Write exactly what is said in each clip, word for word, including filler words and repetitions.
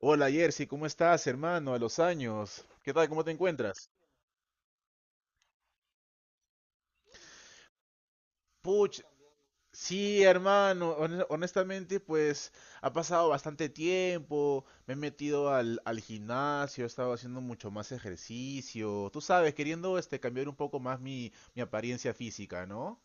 Hola Jersey, ¿cómo estás, hermano? A los años. ¿Qué tal? ¿Cómo te encuentras? Puch, sí, hermano. hone- Honestamente, pues ha pasado bastante tiempo. Me he metido al, al gimnasio, he estado haciendo mucho más ejercicio. Tú sabes, queriendo este, cambiar un poco más mi, mi apariencia física, ¿no?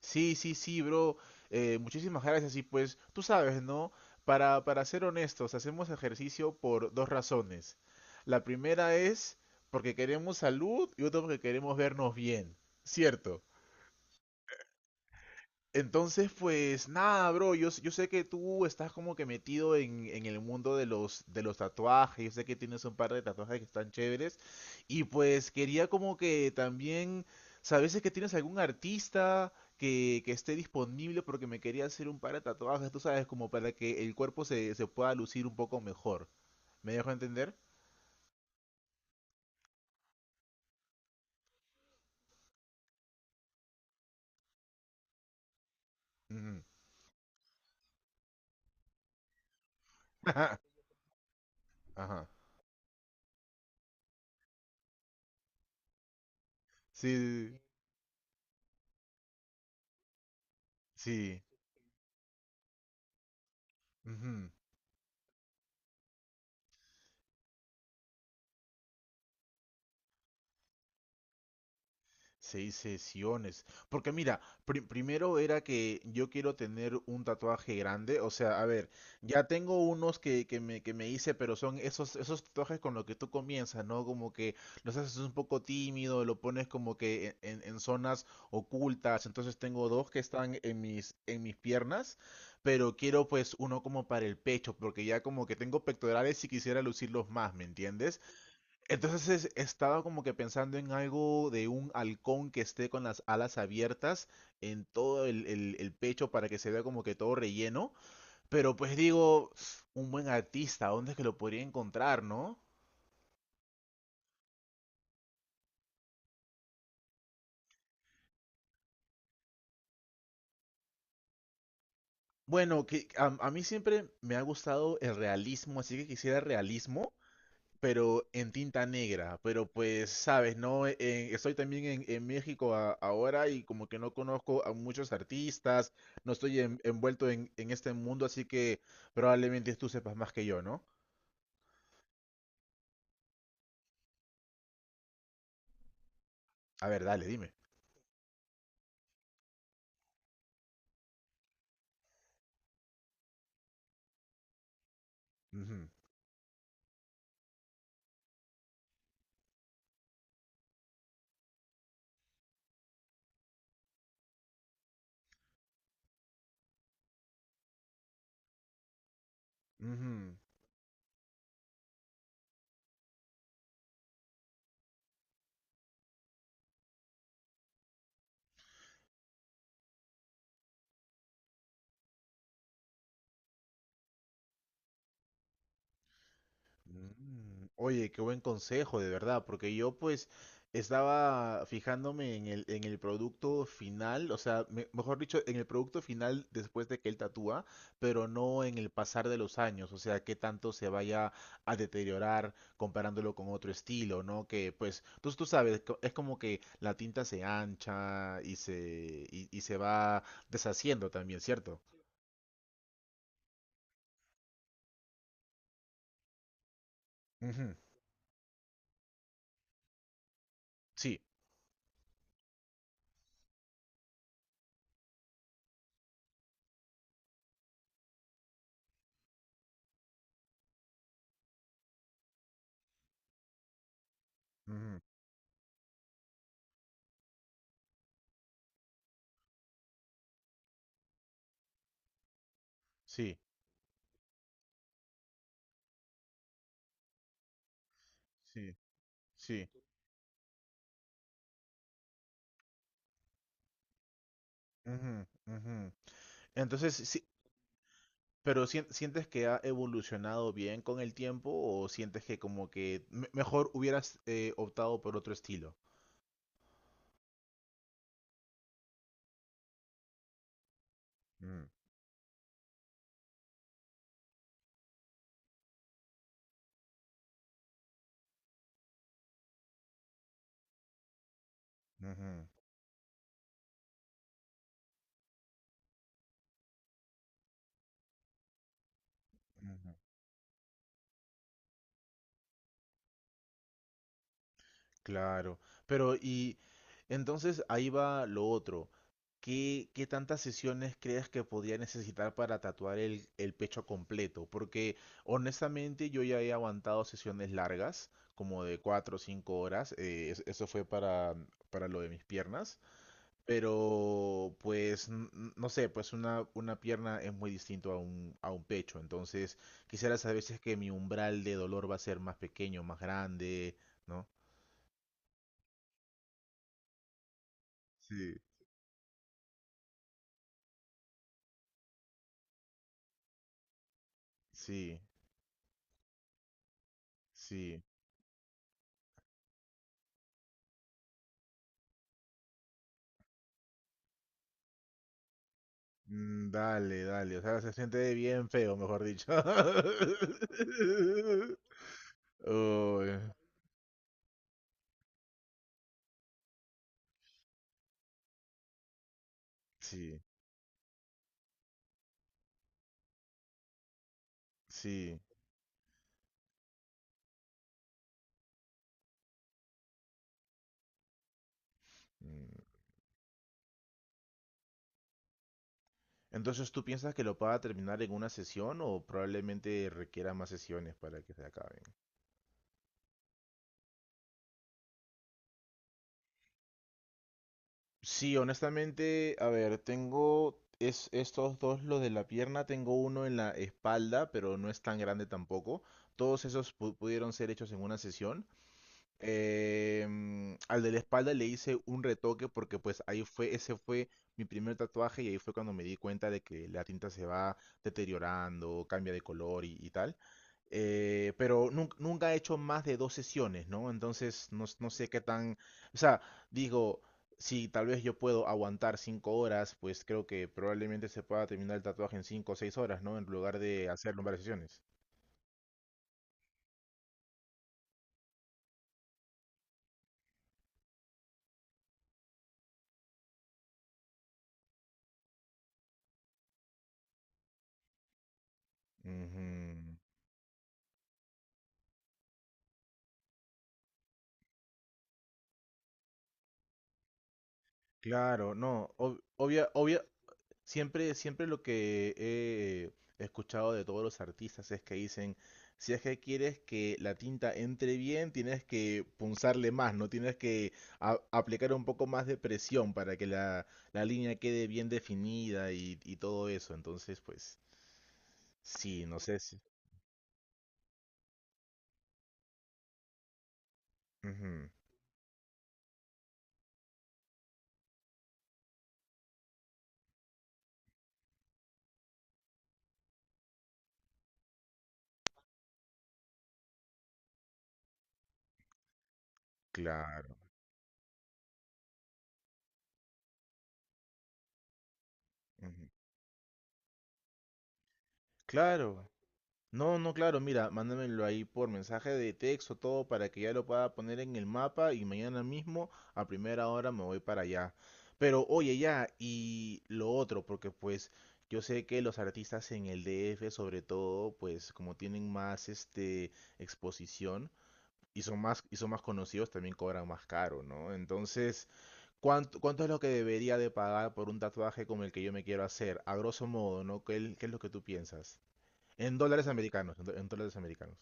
Sí, sí, sí, bro. Eh, muchísimas gracias. Y pues, tú sabes, ¿no? Para, para ser honestos, hacemos ejercicio por dos razones. La primera es porque queremos salud y otra porque queremos vernos bien. ¿Cierto? Entonces, pues nada, bro, yo, s- yo sé que tú estás como que metido en, en el mundo de los, de los tatuajes, yo sé que tienes un par de tatuajes que están chéveres, y pues quería como que también, ¿sabes si es que tienes algún artista que, que esté disponible? Porque me quería hacer un par de tatuajes, tú sabes, como para que el cuerpo se, se pueda lucir un poco mejor. ¿Me dejo entender? Ujú. Ajá. Sí, sí, sí. Ujú. Seis sesiones. Porque mira, pri- primero era que yo quiero tener un tatuaje grande. O sea, a ver, ya tengo unos que, que me, que me hice, pero son esos, esos tatuajes con los que tú comienzas, ¿no? Como que los haces un poco tímido, lo pones como que en, en- zonas ocultas. Entonces tengo dos que están en mis, en mis piernas, pero quiero pues uno como para el pecho, porque ya como que tengo pectorales y quisiera lucirlos más, ¿me entiendes? Entonces he estado como que pensando en algo de un halcón que esté con las alas abiertas en todo el, el- el pecho para que se vea como que todo relleno. Pero pues digo, un buen artista, ¿dónde es que lo podría encontrar, no? Bueno, que a, a mí siempre me ha gustado el realismo, así que quisiera realismo, pero en tinta negra. Pero pues, sabes, no. Eh, eh, estoy también en, en México a- ahora y como que no conozco a muchos artistas, no estoy en- envuelto en, en este mundo, así que probablemente tú sepas más que yo, ¿no? A ver, dale, dime. Ujú, ujú. Mm, oye, qué buen consejo, de verdad, porque yo pues estaba fijándome en el, en el producto final, o sea, me- mejor dicho, en el producto final después de que él tatúa, pero no en el pasar de los años, o sea, qué tanto se vaya a deteriorar comparándolo con otro estilo, ¿no? Que pues tú, tú sabes, co- es como que la tinta se ancha y se, y, y se va deshaciendo también, ¿cierto? Ujú, sí, ujú, sí, sí, sí. Ujú, ujú. Entonces, sí, pero sien- ¿sientes que ha evolucionado bien con el tiempo o sientes que como que me- mejor hubieras eh, optado por otro estilo? Mm, ujú, ujú, claro, pero y entonces ahí va lo otro. ¿Qué, qué tantas sesiones crees que podría necesitar para tatuar el, el pecho completo? Porque honestamente yo ya he aguantado sesiones largas, como de cuatro o cinco horas. Eh, es- eso fue para, para lo de mis piernas. Pero, pues, n- n- no sé, pues una, una pierna es muy distinto a un, a un pecho. Entonces, quisiera saber si es que mi umbral de dolor va a ser más pequeño, más grande, ¿no? Sí, sí, sí. Mm, dale, dale. O sea, se siente bien feo, mejor dicho. Uy, sí, sí. Mm. Entonces, ¿tú piensas que lo pueda terminar en una sesión o probablemente requiera más sesiones para que se acaben? Sí, honestamente, a ver, tengo es, estos dos, los de la pierna, tengo uno en la espalda, pero no es tan grande tampoco. Todos esos pu- pudieron ser hechos en una sesión. Em, al de la espalda le hice un retoque porque pues ahí fue, ese fue mi primer tatuaje y ahí fue cuando me di cuenta de que la tinta se va deteriorando, cambia de color y, y tal. Eh, pero nun- Nunca he hecho más de dos sesiones, ¿no? Entonces no, s- no sé qué tan... O sea, digo, si tal vez yo puedo aguantar cinco horas, pues creo que probablemente se pueda terminar el tatuaje en cinco o seis horas, ¿no? En lugar de hacerlo en varias sesiones. Ujú. Claro, no, ob- obvia, obvia- Siempre, siempre lo que he escuchado de todos los artistas es que dicen, si es que quieres que la tinta entre bien, tienes que punzarle más, ¿no? Tienes que a- aplicar un poco más de presión para que la, la línea quede bien definida y, y todo eso. Entonces, pues, sí, no sé si... Ujú, claro. Ujú. Claro. No, no, claro, mira, mándamelo ahí por mensaje de texto, todo para que ya lo pueda poner en el mapa y mañana mismo a primera hora me voy para allá. Pero oye, ya, y lo otro, porque pues yo sé que los artistas en el D F sobre todo, pues como tienen más este exposición y son más y son más conocidos, también cobran más caro, ¿no? Entonces, ¿cuánto, ¿cuánto es lo que debería de pagar por un tatuaje como el que yo me quiero hacer? A grosso modo, ¿no? ¿Qué, ¿qué es lo que tú piensas? En dólares americanos, en, do- en dólares americanos.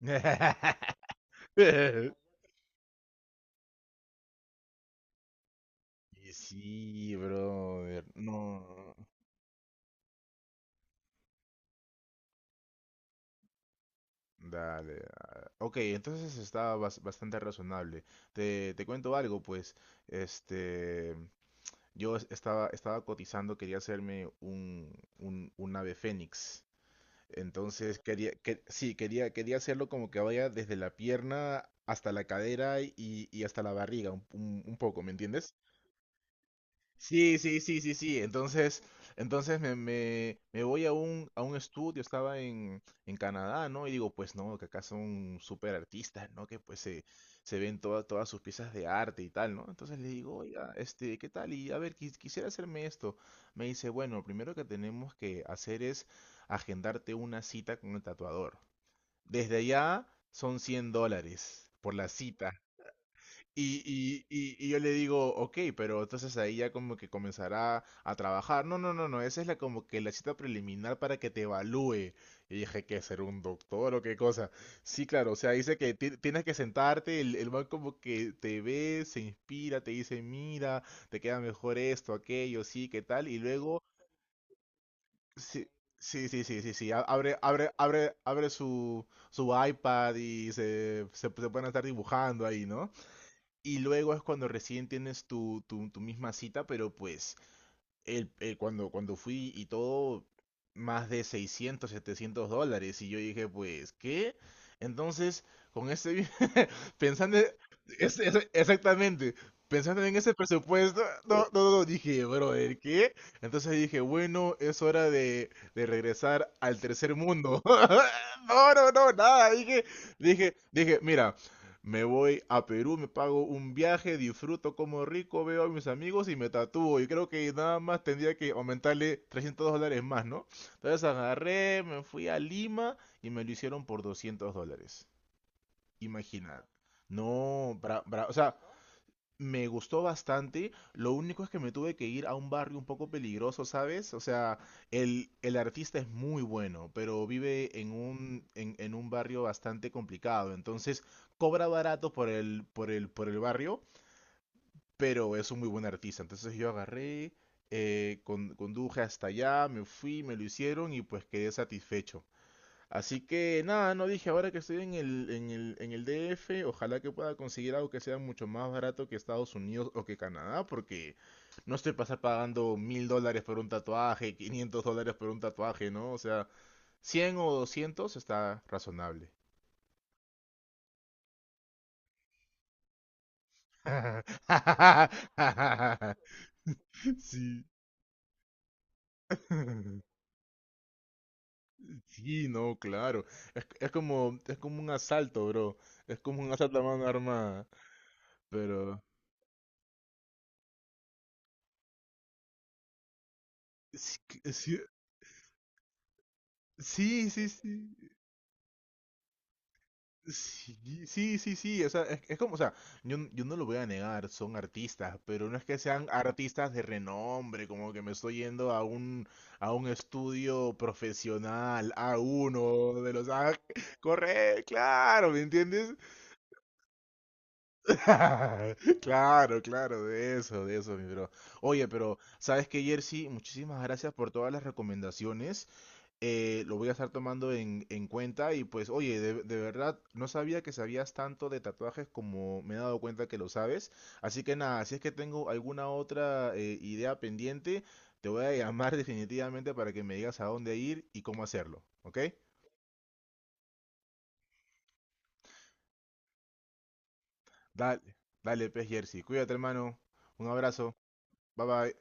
Y sí, brother. No. Dale. ah, Ok, entonces está bas- bastante razonable. Te, te cuento algo, pues. Este. Yo es- estaba, estaba cotizando, quería hacerme un, un, un ave fénix. Entonces quería, que, sí, quería, quería hacerlo como que vaya desde la pierna hasta la cadera y, y hasta la barriga, un, un- un poco, ¿me entiendes? Sí, sí, sí, sí, sí. Entonces, entonces me, me, me voy a un, a un estudio, estaba en, en Canadá, ¿no? Y digo, pues no, que acá son súper artistas, ¿no? Que pues se, se ven todas todas sus piezas de arte y tal, ¿no? Entonces le digo, oiga, este, ¿qué tal? Y a ver, quis- quisiera hacerme esto. Me dice, bueno, lo primero que tenemos que hacer es agendarte una cita con el tatuador. Desde allá son cien dólares por la cita. Y, y, y, y yo le digo, ok, pero entonces ahí ya como que comenzará a trabajar. No, no, no, no, esa es la como que la cita preliminar para que te evalúe. Y dije, ¿qué ser un doctor o qué cosa? Sí, claro, o sea, dice que ti- tienes que sentarte, el, el man como que te ve, se inspira, te dice, mira, te queda mejor esto, aquello, sí, qué tal, y luego, sí, sí, sí, sí, sí, sí, a- abre, abre, abre, abre su, su iPad y se, se, se pueden estar dibujando ahí, ¿no? Y luego es cuando recién tienes tu, tu, tu misma cita, pero pues el, el- cuando, cuando fui y todo, más de seiscientos setecientos dólares. Y yo dije, pues, ¿qué? Entonces, con ese, vi- pensando, e- es- es- exactamente, pensando en ese presupuesto, no, no, no, dije, brother, ¿qué? Entonces dije, bueno, es hora de, de regresar al tercer mundo. No, no, no, nada, dije, dije, dije, mira, me voy a Perú, me pago un viaje, disfruto como rico, veo a mis amigos y me tatúo. Y creo que nada más tendría que aumentarle trescientos dólares más, ¿no? Entonces agarré, me fui a Lima y me lo hicieron por doscientos dólares. Imagina. No, bra- bra- o sea, me gustó bastante, lo único es que me tuve que ir a un barrio un poco peligroso, ¿sabes? O sea, el, el artista es muy bueno, pero vive en un, en, en un barrio bastante complicado, entonces cobra barato por el, por el, por el barrio, pero es un muy buen artista. Entonces yo agarré, eh, con- conduje hasta allá, me fui, me lo hicieron y pues quedé satisfecho. Así que nada, no dije, ahora que estoy en el, en el, en el D F, ojalá que pueda conseguir algo que sea mucho más barato que Estados Unidos o que Canadá, porque no estoy pasar pagando mil dólares por un tatuaje, quinientos dólares por un tatuaje, ¿no? O sea, cien o doscientos está razonable. Sí. Sí, no, claro. Es, es como, es como un asalto, bro. Es como un asalto a mano armada. Pero... Sí, que- sí, sí, sí, sí. Sí, sí, sí, sí, o sea, es, es como, o sea, yo, n- yo no lo voy a negar, son artistas, pero no es que sean artistas de renombre, como que me estoy yendo a un, a un estudio profesional, a uno de los... ah, corre, claro, ¿me entiendes? Claro, claro, de eso, de eso, mi bro. Oye, pero, ¿sabes qué, Jersey? Muchísimas gracias por todas las recomendaciones. Eh, lo voy a estar tomando en, en cuenta y pues, oye, de, de verdad, no sabía que sabías tanto de tatuajes como me he dado cuenta que lo sabes. Así que nada, si es que tengo alguna otra eh, idea pendiente, te voy a llamar definitivamente para que me digas a dónde ir y cómo hacerlo, ¿ok? Dale, Dale, pez Jersey. Cuídate, hermano. Un abrazo. Bye bye.